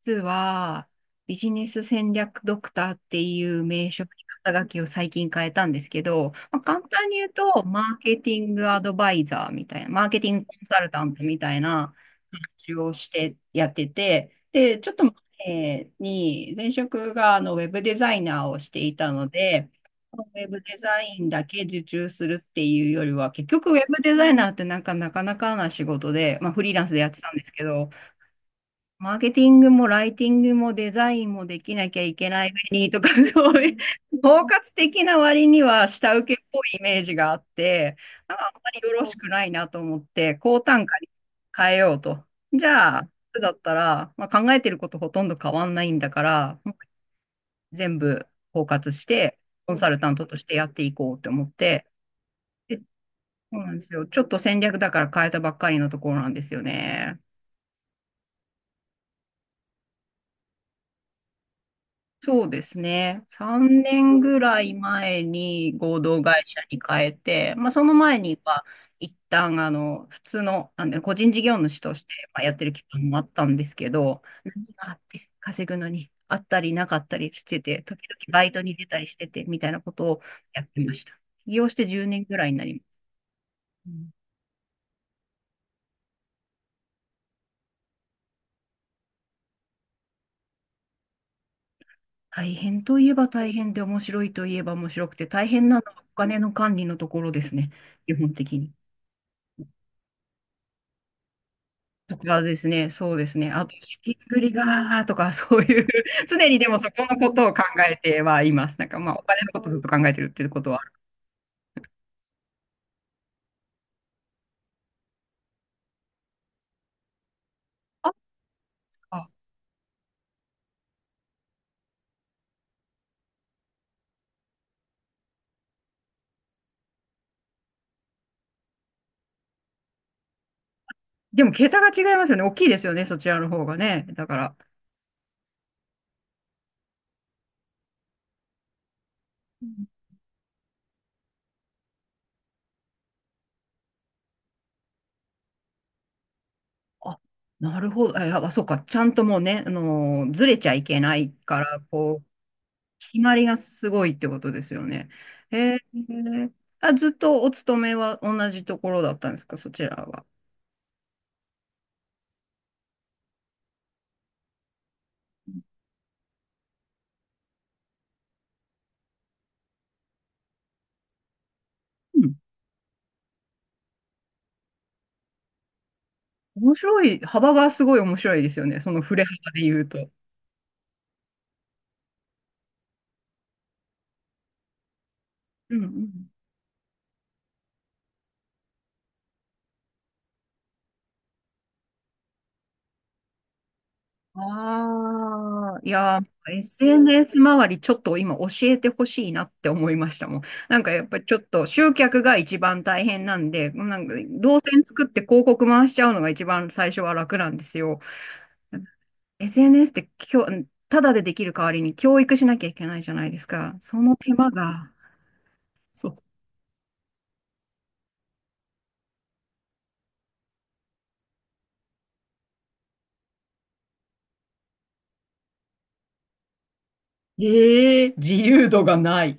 実は、ビジネス戦略ドクターっていう名称に肩書きを最近変えたんですけど、まあ、簡単に言うと、マーケティングアドバイザーみたいな、マーケティングコンサルタントみたいな話をしてやってて、で、ちょっと前に、前職がウェブデザイナーをしていたので、ウェブデザインだけ受注するっていうよりは、結局ウェブデザイナーってなんかなかなかな仕事で、まあ、フリーランスでやってたんですけど、マーケティングもライティングもデザインもできなきゃいけない上にとか、そういう、包括的な割には下請けっぽいイメージがあって、なんかあんまりよろしくないなと思って、高単価に変えようと。じゃあ、だったら、まあ、考えてることほとんど変わんないんだから、全部包括して、コンサルタントとしてやっていこうと思って、で、そうなんですよ。ちょっと戦略だから変えたばっかりのところなんですよね。そうですね。3年ぐらい前に合同会社に変えて、まあ、その前には一旦普通の、個人事業主としてまあやってる期間もあったんですけど、何があって稼ぐのにあったりなかったりしてて、時々バイトに出たりしててみたいなことをやってました。起業して10年ぐらいになります。うん、大変といえば大変で面白いといえば面白くて大変なのはお金の管理のところですね、基本的に。とかですね、そうですね。あと、ひっくりがーとか、そういう、 常にでもそこのことを考えてはいます。なんかまあ、お金のことずっと考えてるっていうことはある。あ、でも、桁が違いますよね。大きいですよね、そちらの方がね。だから、うん、あ、なるほど。あそうか。ちゃんともうね、ずれちゃいけないから、こう、決まりがすごいってことですよね。えー、あ、ずっとお勤めは同じところだったんですか、そちらは。うん、面白い、幅がすごい面白いですよね。その振れ幅で言うと。うんうん。ああ、いやー、SNS 周りちょっと今教えてほしいなって思いましたもん。なんかやっぱりちょっと集客が一番大変なんで、なんか動線作って広告回しちゃうのが一番最初は楽なんですよ。SNS ってただでできる代わりに教育しなきゃいけないじゃないですか。その手間が、そう。ええ、自由度がない。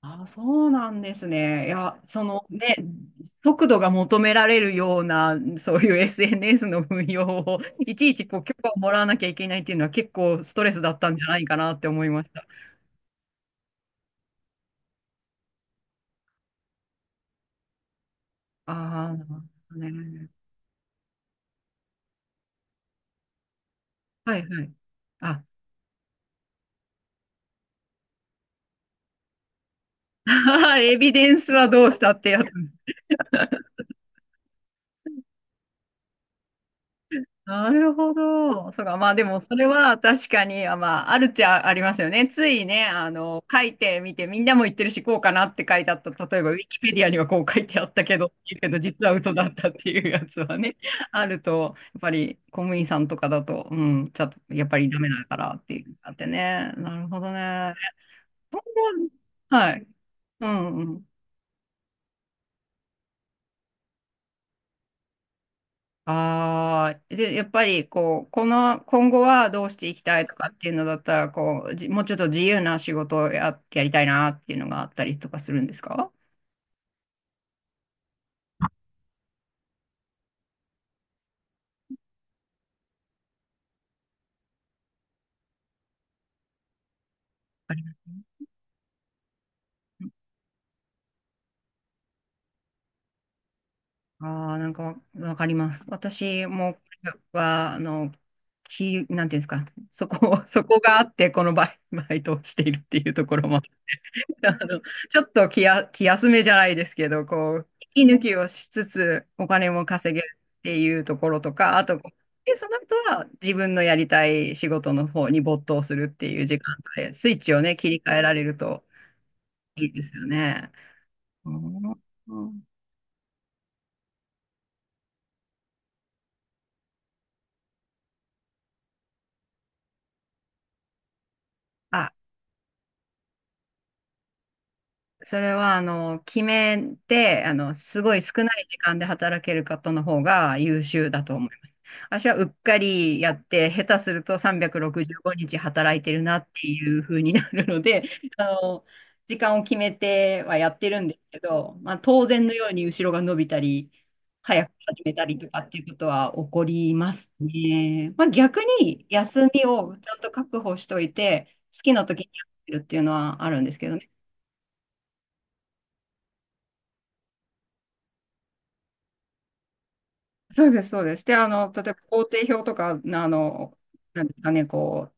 あ、そうなんですね。いや、そのね、速度が求められるような、そういう SNS の運用を、いちいちこう許可をもらわなきゃいけないっていうのは結構ストレスだったんじゃないかなって思いました。ああ、なるほどね。はいはい。あ、エビデンスはどうしたってやつ。なるほど。そうか。まあでも、それは確かに、あ、まあ、あるっちゃありますよね。ついね、書いてみて、みんなも言ってるし、こうかなって書いてあった。例えば、ウィキペディアにはこう書いてあったけど、実は嘘だったっていうやつはね、あると、やっぱり公務員さんとかだと、うん、ちょっと、やっぱりダメだからっていうのがあってね。なるほどね。今後は。はい。うんうん。ああ、で、やっぱりこう、この、今後はどうしていきたいとかっていうのだったら、こう、もうちょっと自由な仕事をやりたいなっていうのがあったりとかするんですか？ああー、なんかわかります。私もは、なんていうんですか、そこ、そこがあって、このバイトをしているっていうところもあの、ちょっと気休めじゃないですけど、こう、息抜きをしつつお金も稼げるっていうところとか、あと、で、その後は自分のやりたい仕事の方に没頭するっていう時間で、スイッチをね、切り替えられるといいですよね。うん、あ、それは、決めて、すごい少ない時間で働ける方の方が優秀だと思います。私はうっかりやって、下手すると365日働いてるなっていう風になるので、あの、時間を決めてはやってるんですけど、まあ、当然のように後ろが伸びたり、早く始めたりとかっていうことは起こりますね。まあ、逆に休みをちゃんと確保しといて、好きな時にやってるっていうのはあるんですけどね。そうです、そうです。で、例えば工程表とか、の、なんですかね、こ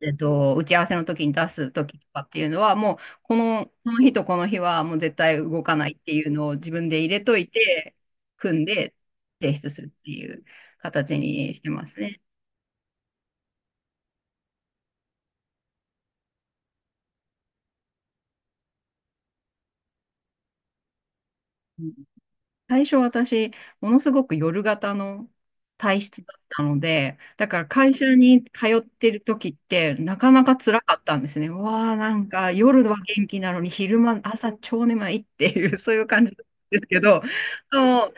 う、打ち合わせの時に出す時とかっていうのは、もう、この日とこの日は、もう絶対動かないっていうのを自分で入れといて、組んで提出するっていう形にしてますね。最初私、ものすごく夜型の体質だったので、だから会社に通ってる時って、なかなか辛かったんですね。わあ、なんか夜は元気なのに、昼間、朝超眠いっていう、そういう感じなんですけど、そう、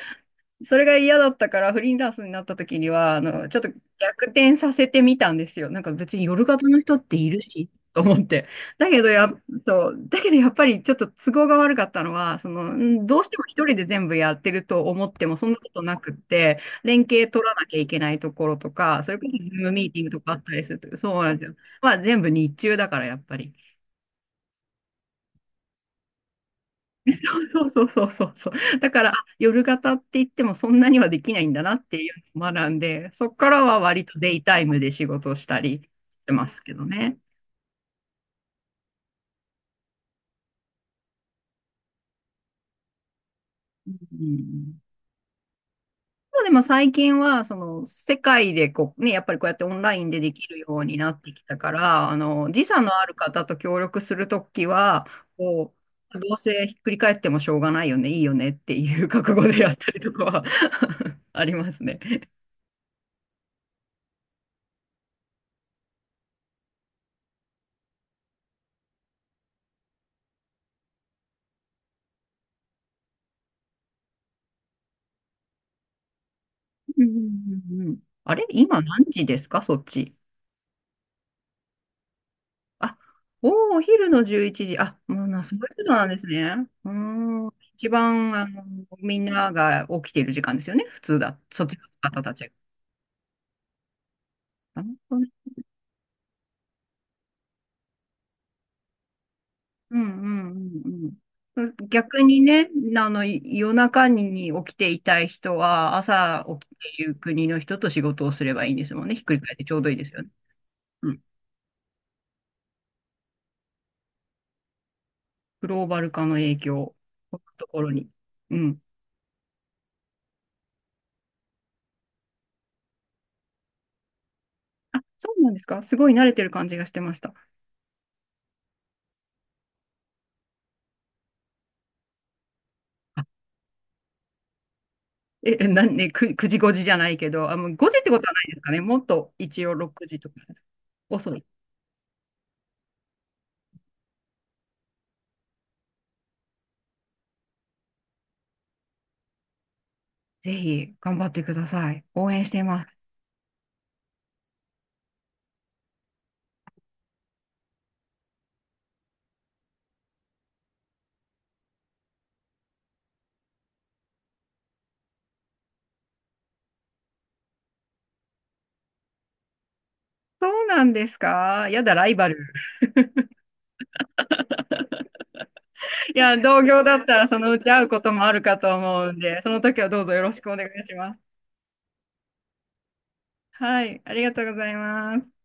それが嫌だったから、フリーランスになった時には、ちょっと逆転させてみたんですよ。なんか別に夜型の人っているし、と思って。だけどや、そう、だけどやっぱりちょっと都合が悪かったのは、どうしても一人で全部やってると思ってもそんなことなくって、連携取らなきゃいけないところとか、それこそズームミーティングとかあったりすると、そうなんですよ。まあ全部日中だからやっぱり。そうそうそうそうそう。だから、あ、夜型って言ってもそんなにはできないんだなっていうのを学んで、そこからは割とデイタイムで仕事したりしてますけどね。うん、でも最近は、世界でこう、ね、やっぱりこうやってオンラインでできるようになってきたから、時差のある方と協力するときは、こう、どうせひっくり返ってもしょうがないよね、いいよねっていう覚悟でやったりとかは ありますね。うんうんうんうん、あれ今何時ですか、そっち？あ、おー、お昼の11時。あ、もうな、そういうことなんですね。うーん。一番、みんなが起きている時間ですよね。普通だ。そっちの方たちが。なるほどね。うんうんうんうん。逆にね、夜中に起きていたい人は、朝起きている国の人と仕事をすればいいんですもんね。ひっくり返ってちょうどいいですよね。うん。グローバル化の影響、こういうところに。うん。あ、そうなんですか？すごい慣れてる感じがしてました。あえ、えなんね、く、9時5時じゃないけど、あ、もう5時ってことはないですかね。もっと一応6時とか。遅い。ぜひ頑張ってください。応援してます。そうなんですか？やだ、ライバル。いや、同業だったらそのうち会うこともあるかと思うんで、その時はどうぞよろしくお願いします。はい、ありがとうございます。